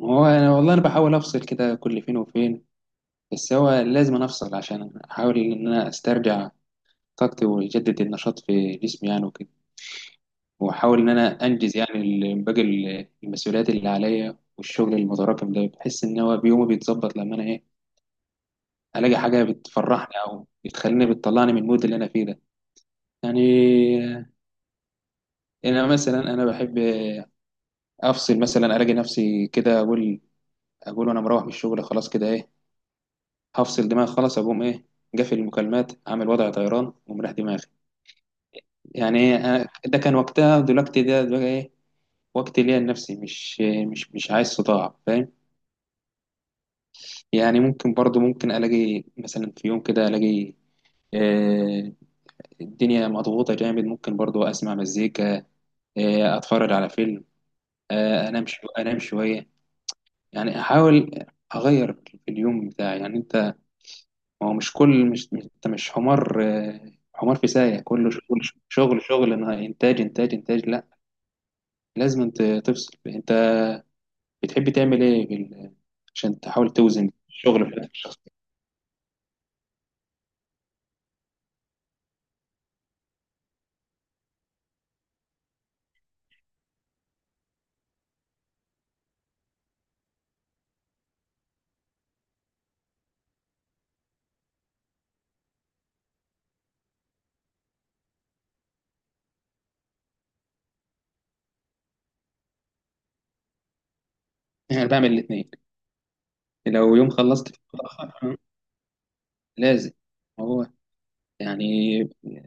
هو انا والله انا بحاول افصل كده كل فين وفين. بس هو لازم أنا افصل عشان احاول ان انا استرجع طاقتي واجدد النشاط في جسمي يعني وكده، واحاول ان انا انجز يعني المسؤوليات اللي عليا والشغل المتراكم ده. بحس ان هو بيومي بيتظبط لما انا ايه الاقي حاجه بتفرحني او بتخليني بتطلعني من المود اللي انا فيه ده يعني. انا مثلا بحب افصل، مثلا الاقي نفسي كده اقول وانا مروح من الشغل خلاص كده ايه هفصل دماغي خالص، اقوم ايه جافي المكالمات عامل وضع طيران ومريح دماغي يعني. إيه، ده كان وقتها. دلوقتي ده بقى ايه وقت ليا لنفسي. مش عايز صداع فاهم؟ يعني ممكن برضو ممكن الاقي مثلا في يوم كده الاقي آه، الدنيا مضغوطة جامد. ممكن برضو اسمع مزيكا، اتفرج على فيلم، انام انام شوية يعني. احاول اغير في اليوم بتاعي يعني. ما هو مش كل مش مش- انت مش حمار، حمار في سايق كله شغل شغل شغل، إنها انتاج انتاج انتاج. لا، لازم انت تفصل. انت بتحب تعمل ايه عشان تحاول توزن الشغل في حياتك الشخصية؟ انا بعمل الاثنين. لو يوم خلصت في متأخر لازم هو يعني،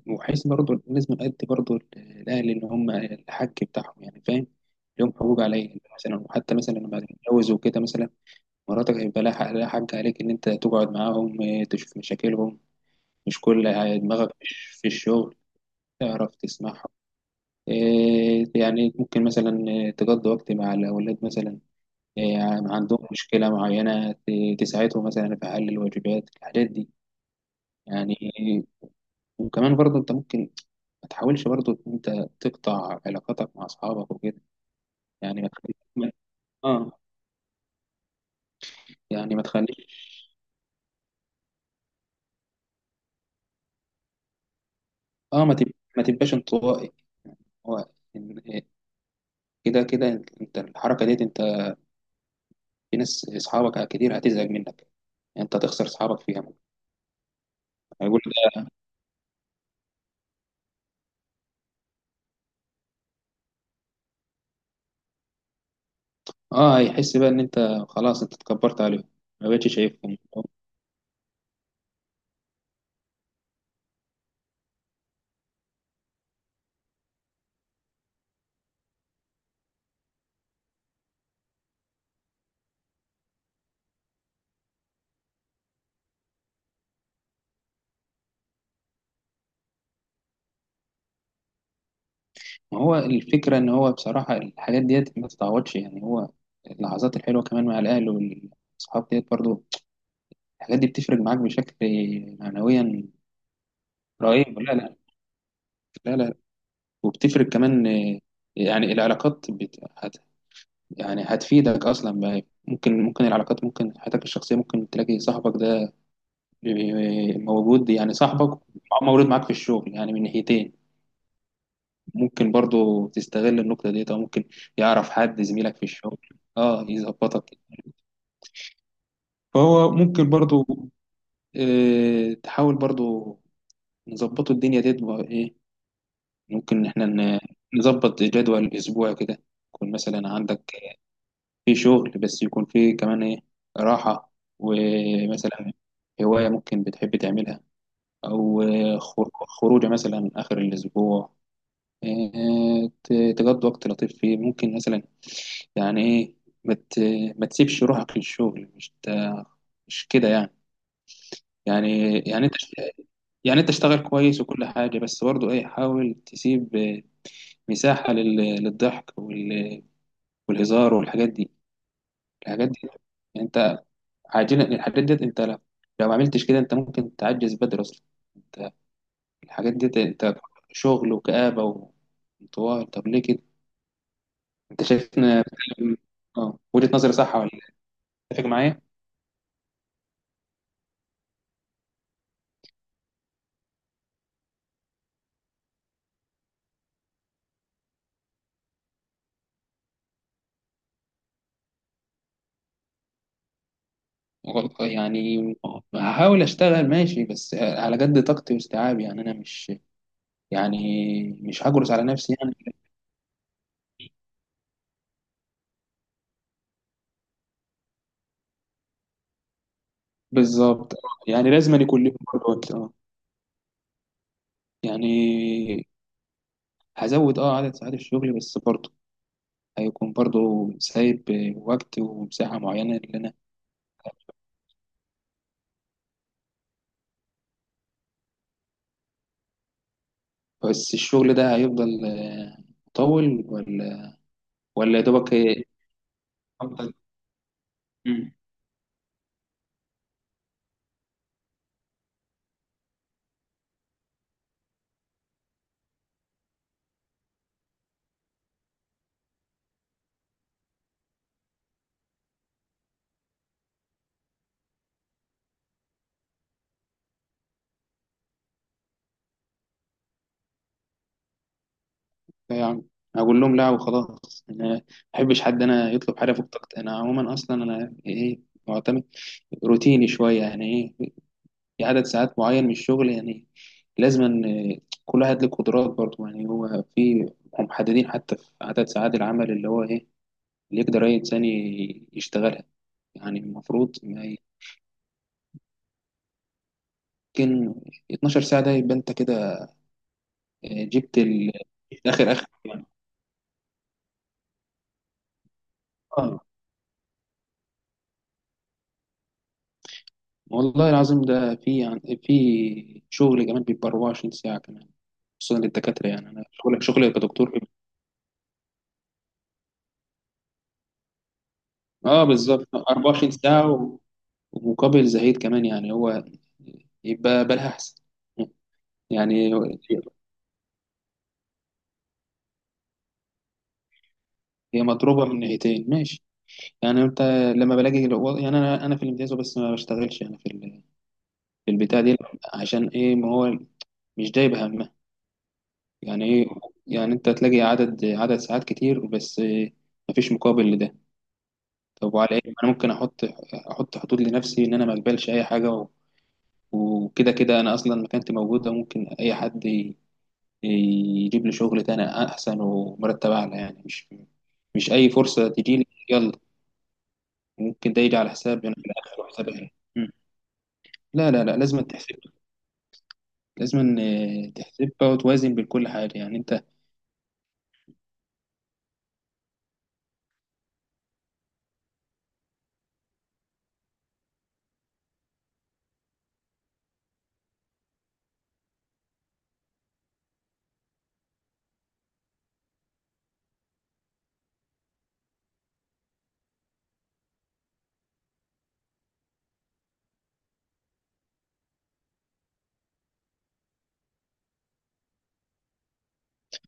وحيث برضه لازم نأدي برضه الأهل اللي هم الحق بتاعهم يعني فاهم. لهم حقوق عليا مثلا، وحتى مثلا لما اتجوز وكده مثلا، مراتك هيبقى لها حق، لها حق عليك إن أنت تقعد معاهم، تشوف مشاكلهم، مش كل دماغك مش في الشغل، تعرف تسمعهم، يعني ممكن مثلا تقضي وقت مع الأولاد مثلا، عندهم مشكلة معينة تساعدهم مثلا في حل الواجبات الحاجات دي يعني. وكمان برضه أنت ممكن ما تحاولش برضه إن أنت تقطع علاقاتك مع أصحابك وكده. يعني ما تخليش ما- آه يعني ما تخليش ما تبقاش انطوائي. هو كده كده انت الحركه ديت انت، في ناس اصحابك كتير هتزعج منك، انت هتخسر اصحابك فيها. هيقول ده، اه هيحس بقى ان انت خلاص انت اتكبرت عليهم، ما بقتش شايفهم. ما هو الفكره ان هو بصراحه الحاجات ديت ما تتعوضش يعني هو، اللحظات الحلوه كمان مع الاهل والاصحاب ديت برضو، الحاجات دي بتفرق معاك بشكل معنويا رهيب. لا لا، لا لا. وبتفرق كمان يعني العلاقات يعني هتفيدك اصلا. ممكن العلاقات، ممكن حياتك الشخصيه، ممكن تلاقي صاحبك ده موجود يعني، صاحبك مولود معاك في الشغل يعني من ناحيتين. ممكن برضو تستغل النقطه ديت، او ممكن يعرف حد زميلك في الشغل اه يظبطك. فهو ممكن برضو تحاول برضو نظبطوا الدنيا ديت بقى ايه. ممكن إن احنا نظبط جدول اسبوع كده، يكون مثلا عندك في شغل بس يكون فيه كمان ايه راحة، ومثلا هواية ممكن بتحب تعملها، أو خروجة مثلا آخر الأسبوع، تقضي وقت لطيف فيه. ممكن مثلا يعني ايه ما مت... ما تسيبش روحك للشغل. مش كده يعني. يعني يعني انت اشتغل كويس وكل حاجة، بس برضه ايه حاول تسيب مساحة للضحك والهزار والحاجات دي الحاجات دي عاجلا الحاجات ديت انت لو، لو ما عملتش كده انت ممكن تعجز بدري اصلا انت. الحاجات ديت انت شغل وكآبة وانطوائي، طب ليه كده انت شايفنا؟ اه وجهة نظري صح ولا لا؟ اتفق معايا. غلط يعني؟ هحاول اشتغل ماشي بس على قد طاقتي واستيعابي يعني انا مش يعني، مش هجرس على نفسي يعني. بالظبط. يعني لازم أن يكون لي برضه وقت اه يعني. هزود اه عدد ساعات الشغل بس برضه هيكون برضو سايب وقت ومساحة معينة اللي أنا. بس الشغل ده هيفضل مطول ولا ولا يا دوبك؟ أفضل. مم. يعني هقول لهم لا وخلاص، أنا ما بحبش حد أنا يطلب حاجة فوق طاقتي. أنا عموما أصلا أنا إيه معتمد روتيني شوية يعني. إيه، في عدد ساعات معين من الشغل يعني، لازم أن آه، كل واحد له قدرات برضو يعني. هو في هم محددين حتى في عدد ساعات العمل اللي هو إيه اللي يقدر أي إنسان يشتغلها. يعني المفروض ما يمكن 12 ساعة، ده يبقى أنت كده آه، جبت ال- جبت آخر آخر يعني. آه والله العظيم ده في يعني في شغل كمان بيبقى 24 ساعة كمان، خصوصا للدكاترة يعني. أنا شغلك شغلي كدكتور بيبقى- آه بالظبط 24 ساعة، ومقابل زهيد كمان يعني هو. يبقى بالها أحسن يعني. هي مضروبة من ناحيتين ماشي، يعني أنت لما بلاقي يعني أنا في الامتياز بس ما بشتغلش يعني البتاع دي. عشان ايه؟ ما هو مش جايب همه يعني ايه. يعني انت تلاقي عدد ساعات كتير بس مفيش مقابل لده. طب وعلى ايه انا ممكن احط حدود لنفسي ان انا ما اقبلش اي حاجه وكده كده انا اصلا مكانتي موجوده، ممكن اي حد يجيب لي شغل تاني احسن ومرتب اعلى يعني. مش مش اي فرصه تجي لي يلا، ممكن ده يجي على حسابي انا في الاخر وحسابي أنا. مم. لا لا لا لازم تحسب. لازم تحسبها وتوازن بين كل حاجه يعني انت.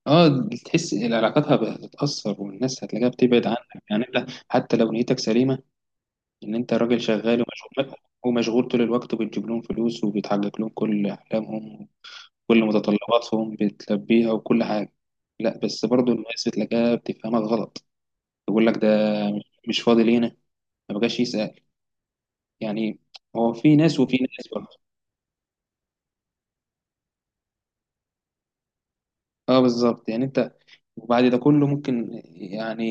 اه تحس العلاقات هتتأثر والناس هتلاقيها بتبعد عنك يعني، انت حتى لو نيتك سليمة ان انت راجل شغال ومشغول، طول الوقت وبتجيب لهم فلوس وبتحقق لهم كل احلامهم وكل متطلباتهم بتلبيها وكل حاجة. لا بس برضو الناس بتلاقيها بتفهمك غلط، يقول لك ده مش فاضي لينا، ما بقاش يسأل يعني. هو في ناس وفي ناس برضه. اه بالظبط يعني انت، وبعد ده كله ممكن يعني،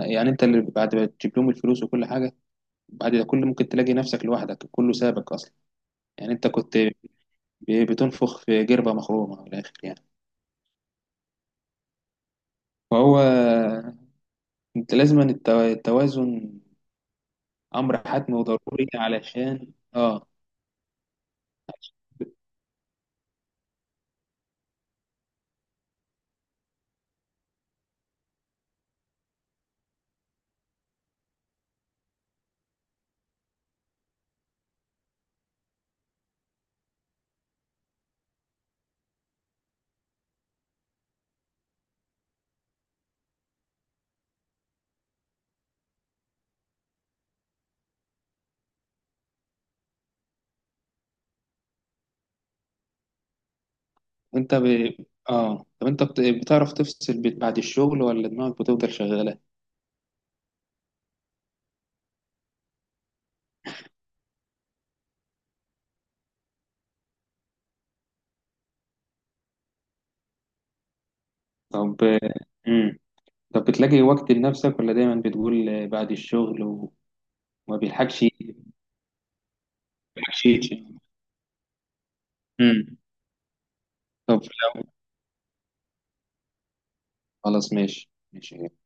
يعني انت اللي بعد ما تجيب لهم الفلوس وكل حاجة، بعد كل ممكن تلاقي نفسك لوحدك كله سابك اصلا. يعني انت كنت بتنفخ في جربة مخرومة من الاخر يعني. فهو انت لازم أن التوازن امر حتمي وضروري علشان اه. انت ب... اه طب انت بتعرف تفصل بعد الشغل ولا دماغك بتفضل شغالة؟ طب. امم. طب بتلاقي وقت لنفسك ولا دايما بتقول بعد الشغل وما بيلحقش؟ ما بيلحقش يجي؟ امم. طب لو، خلاص ماشي ماشي.